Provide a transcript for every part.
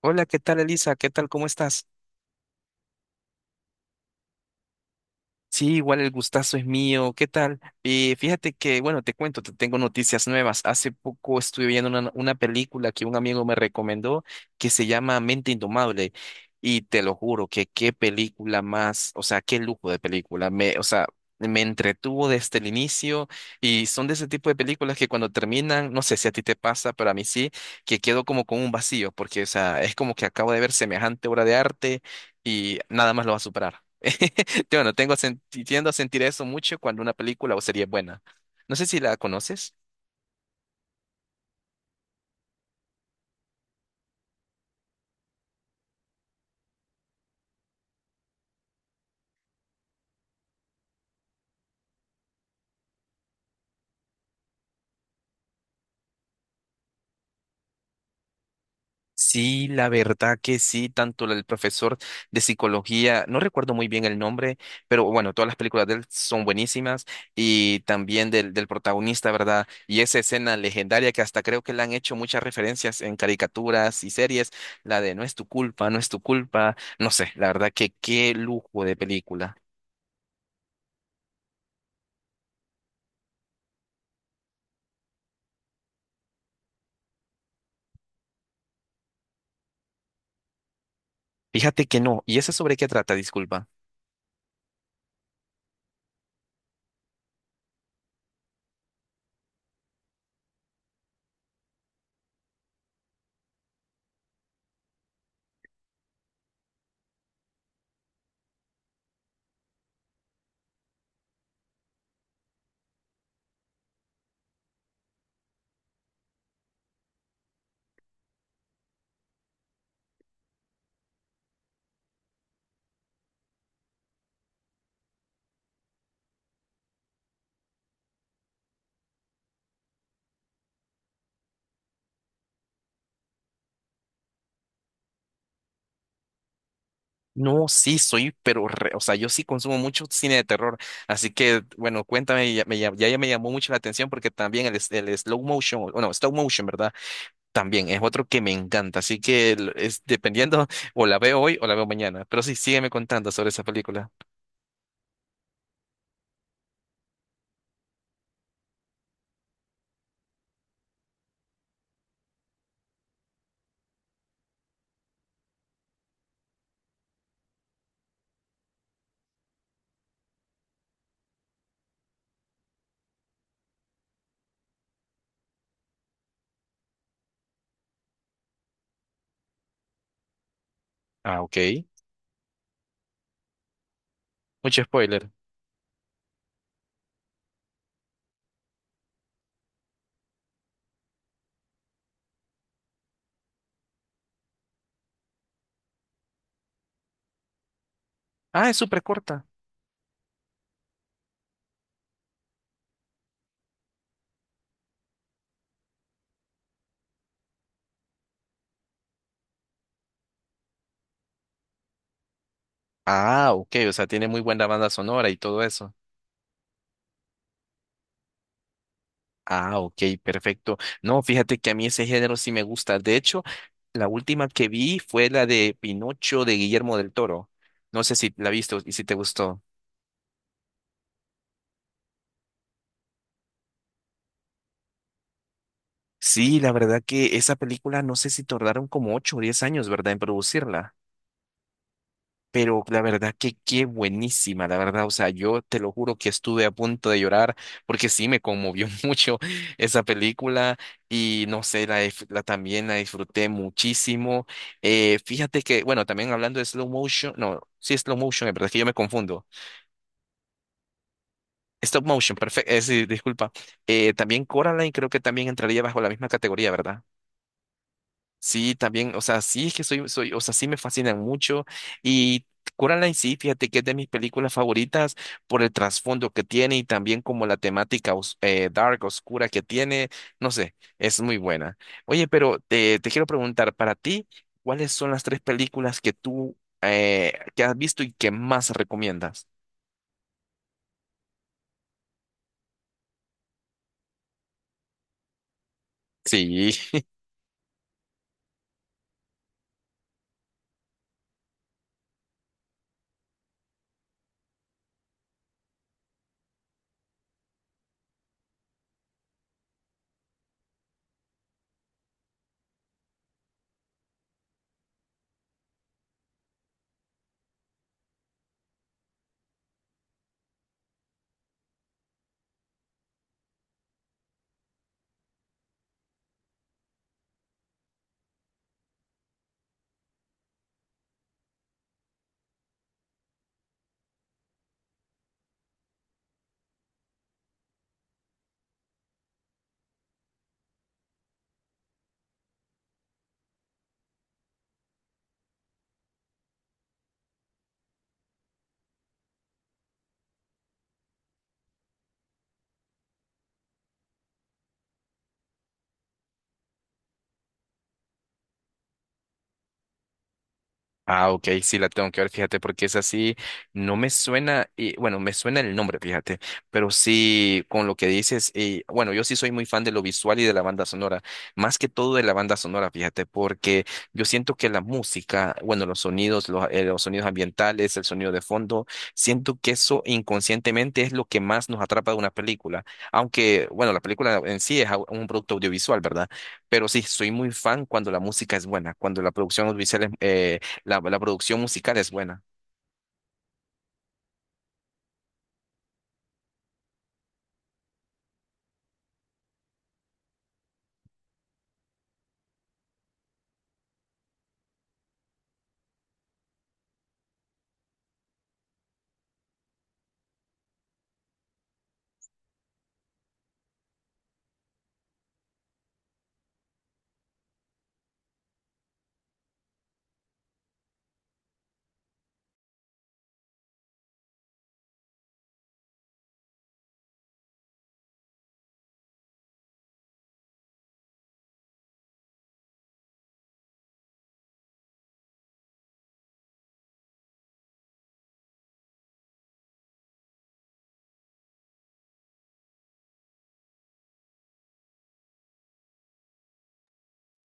Hola, ¿qué tal, Elisa? ¿Qué tal? ¿Cómo estás? Sí, igual el gustazo es mío. ¿Qué tal? Fíjate que, bueno, te cuento, te tengo noticias nuevas. Hace poco estuve viendo una película que un amigo me recomendó que se llama Mente Indomable. Y te lo juro que qué película más, o sea, qué lujo de película. Me, o sea, me entretuvo desde el inicio y son de ese tipo de películas que cuando terminan, no sé si a ti te pasa, pero a mí sí, que quedo como con un vacío, porque, o sea, es como que acabo de ver semejante obra de arte y nada más lo va a superar. Bueno, tengo tiendo a sentir eso mucho cuando una película o serie es buena. No sé si la conoces. Sí, la verdad que sí, tanto el profesor de psicología, no recuerdo muy bien el nombre, pero bueno, todas las películas de él son buenísimas y también del protagonista, ¿verdad? Y esa escena legendaria que hasta creo que le han hecho muchas referencias en caricaturas y series, la de no es tu culpa, no es tu culpa, no sé, la verdad que qué lujo de película. Fíjate que no, ¿y esa sobre qué trata? Disculpa. No, sí, soy, pero, o sea, yo sí consumo mucho cine de terror, así que, bueno, cuéntame, ya me llamó mucho la atención porque también el slow motion, o no, stop motion, ¿verdad? También es otro que me encanta, así que es dependiendo, o la veo hoy o la veo mañana, pero sí, sígueme contando sobre esa película. Ah, ok. Mucho spoiler. Ah, es súper corta. Ah, ok, o sea, tiene muy buena banda sonora y todo eso. Ah, ok, perfecto. No, fíjate que a mí ese género sí me gusta. De hecho, la última que vi fue la de Pinocho de Guillermo del Toro. No sé si la viste y si te gustó. Sí, la verdad que esa película no sé si tardaron como ocho o diez años, ¿verdad?, en producirla. Pero la verdad que qué buenísima, la verdad, o sea, yo te lo juro que estuve a punto de llorar porque sí me conmovió mucho esa película y no sé, la también la disfruté muchísimo. Fíjate que, bueno, también hablando de slow motion, no, sí, slow motion, es verdad es que yo me confundo. Stop motion, perfecto, disculpa. También Coraline creo que también entraría bajo la misma categoría, ¿verdad? Sí, también, o sea, sí es que o sea, sí me fascinan mucho y Coraline sí, fíjate que es de mis películas favoritas por el trasfondo que tiene y también como la temática dark, oscura que tiene, no sé, es muy buena. Oye, pero te quiero preguntar, para ti, ¿cuáles son las tres películas que tú que has visto y que más recomiendas? Sí, ah, ok, sí la tengo que ver, fíjate, porque es así, no me suena, y bueno, me suena el nombre, fíjate, pero sí, con lo que dices, y bueno, yo sí soy muy fan de lo visual y de la banda sonora, más que todo de la banda sonora, fíjate, porque yo siento que la música, bueno, los sonidos, los sonidos ambientales, el sonido de fondo, siento que eso inconscientemente es lo que más nos atrapa de una película, aunque, bueno, la película en sí es un producto audiovisual, ¿verdad? Pero sí, soy muy fan cuando la música es buena, cuando la producción audiovisual es, la producción musical es buena.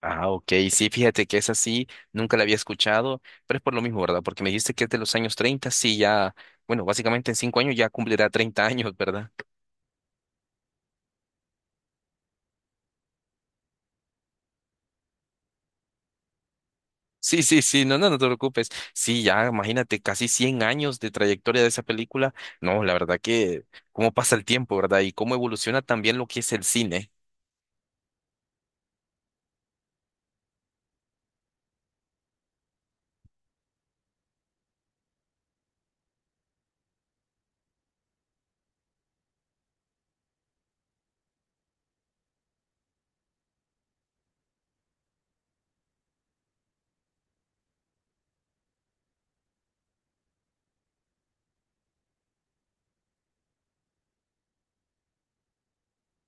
Ah, ok, sí, fíjate que es así, nunca la había escuchado, pero es por lo mismo, ¿verdad? Porque me dijiste que es de los años 30 sí, ya, bueno, básicamente en cinco años ya cumplirá 30 años, ¿verdad? Sí, sí, sí, no, no, no te preocupes. Sí, ya, imagínate, casi 100 años de trayectoria de esa película. No, la verdad que cómo pasa el tiempo, ¿verdad? Y cómo evoluciona también lo que es el cine.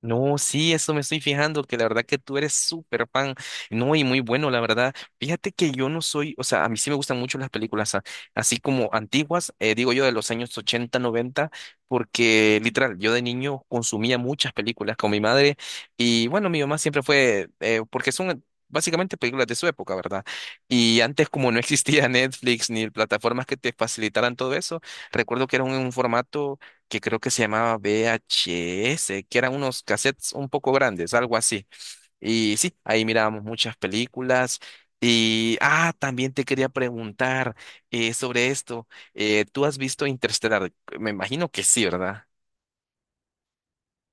No, sí, eso me estoy fijando, que la verdad que tú eres súper fan, no, y muy bueno, la verdad. Fíjate que yo no soy, o sea, a mí sí me gustan mucho las películas, así como antiguas, digo yo de los años 80, 90, porque literal, yo de niño consumía muchas películas con mi madre, y bueno, mi mamá siempre fue, porque son básicamente películas de su época, ¿verdad? Y antes como no existía Netflix ni plataformas que te facilitaran todo eso, recuerdo que era un formato que creo que se llamaba VHS, que eran unos cassettes un poco grandes, algo así. Y sí, ahí mirábamos muchas películas. Y, ah, también te quería preguntar sobre esto. ¿Tú has visto Interstellar? Me imagino que sí, ¿verdad?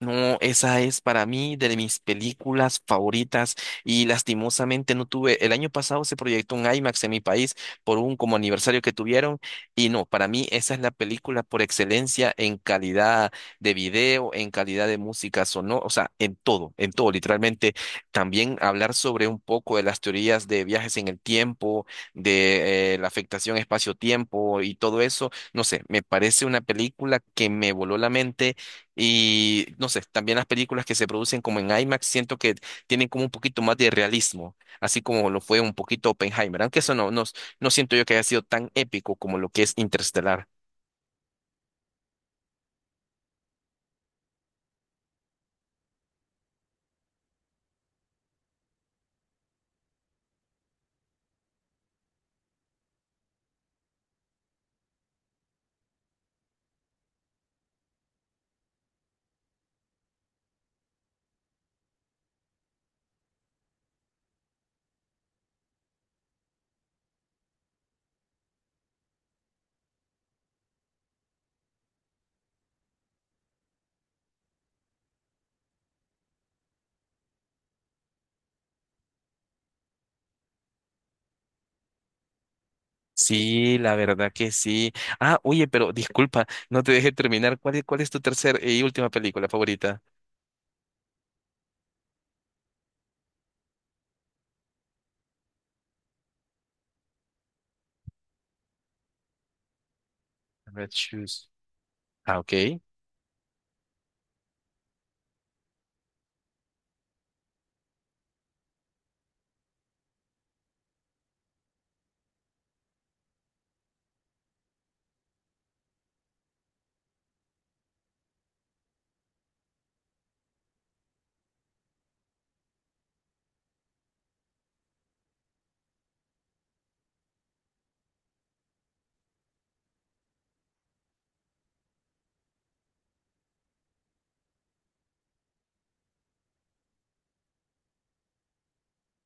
No, esa es para mí de mis películas favoritas y lastimosamente no tuve, el año pasado se proyectó un IMAX en mi país por un como aniversario que tuvieron y no, para mí esa es la película por excelencia en calidad de video, en calidad de música sonora, o sea, en todo, literalmente. También hablar sobre un poco de las teorías de viajes en el tiempo, de la afectación espacio-tiempo y todo eso, no sé, me parece una película que me voló la mente y no sé, también las películas que se producen como en IMAX siento que tienen como un poquito más de realismo, así como lo fue un poquito Oppenheimer, aunque eso no siento yo que haya sido tan épico como lo que es Interestelar. Sí, la verdad que sí. Ah, oye, pero disculpa, no te dejé terminar. Cuál es tu tercera y última película favorita? Red Shoes. Ah, ok.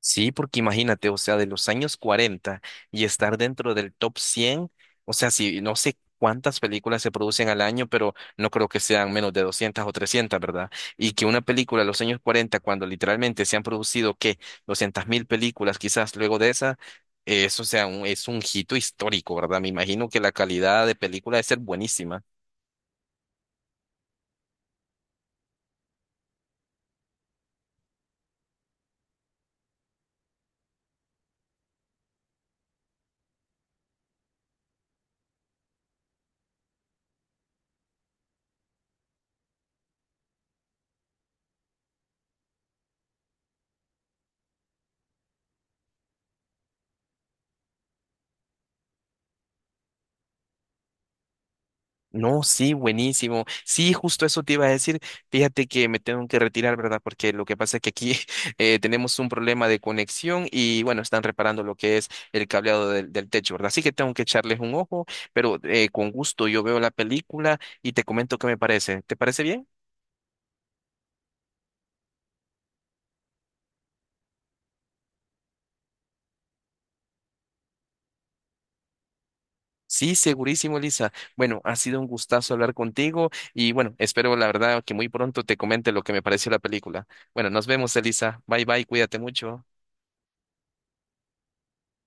Sí, porque imagínate, o sea, de los años 40 y estar dentro del top 100, o sea, si no sé cuántas películas se producen al año, pero no creo que sean menos de 200 o 300, ¿verdad? Y que una película de los años 40, cuando literalmente se han producido, ¿qué? 200 mil películas quizás luego de esa, eso sea un, es un hito histórico, ¿verdad? Me imagino que la calidad de película debe ser buenísima. No, sí, buenísimo. Sí, justo eso te iba a decir. Fíjate que me tengo que retirar, ¿verdad? Porque lo que pasa es que aquí tenemos un problema de conexión y bueno, están reparando lo que es el cableado del techo, ¿verdad? Así que tengo que echarles un ojo, pero con gusto yo veo la película y te comento qué me parece. ¿Te parece bien? Sí, segurísimo, Lisa. Bueno, ha sido un gustazo hablar contigo y bueno, espero la verdad que muy pronto te comente lo que me pareció la película. Bueno, nos vemos, Elisa. Bye, bye, cuídate mucho.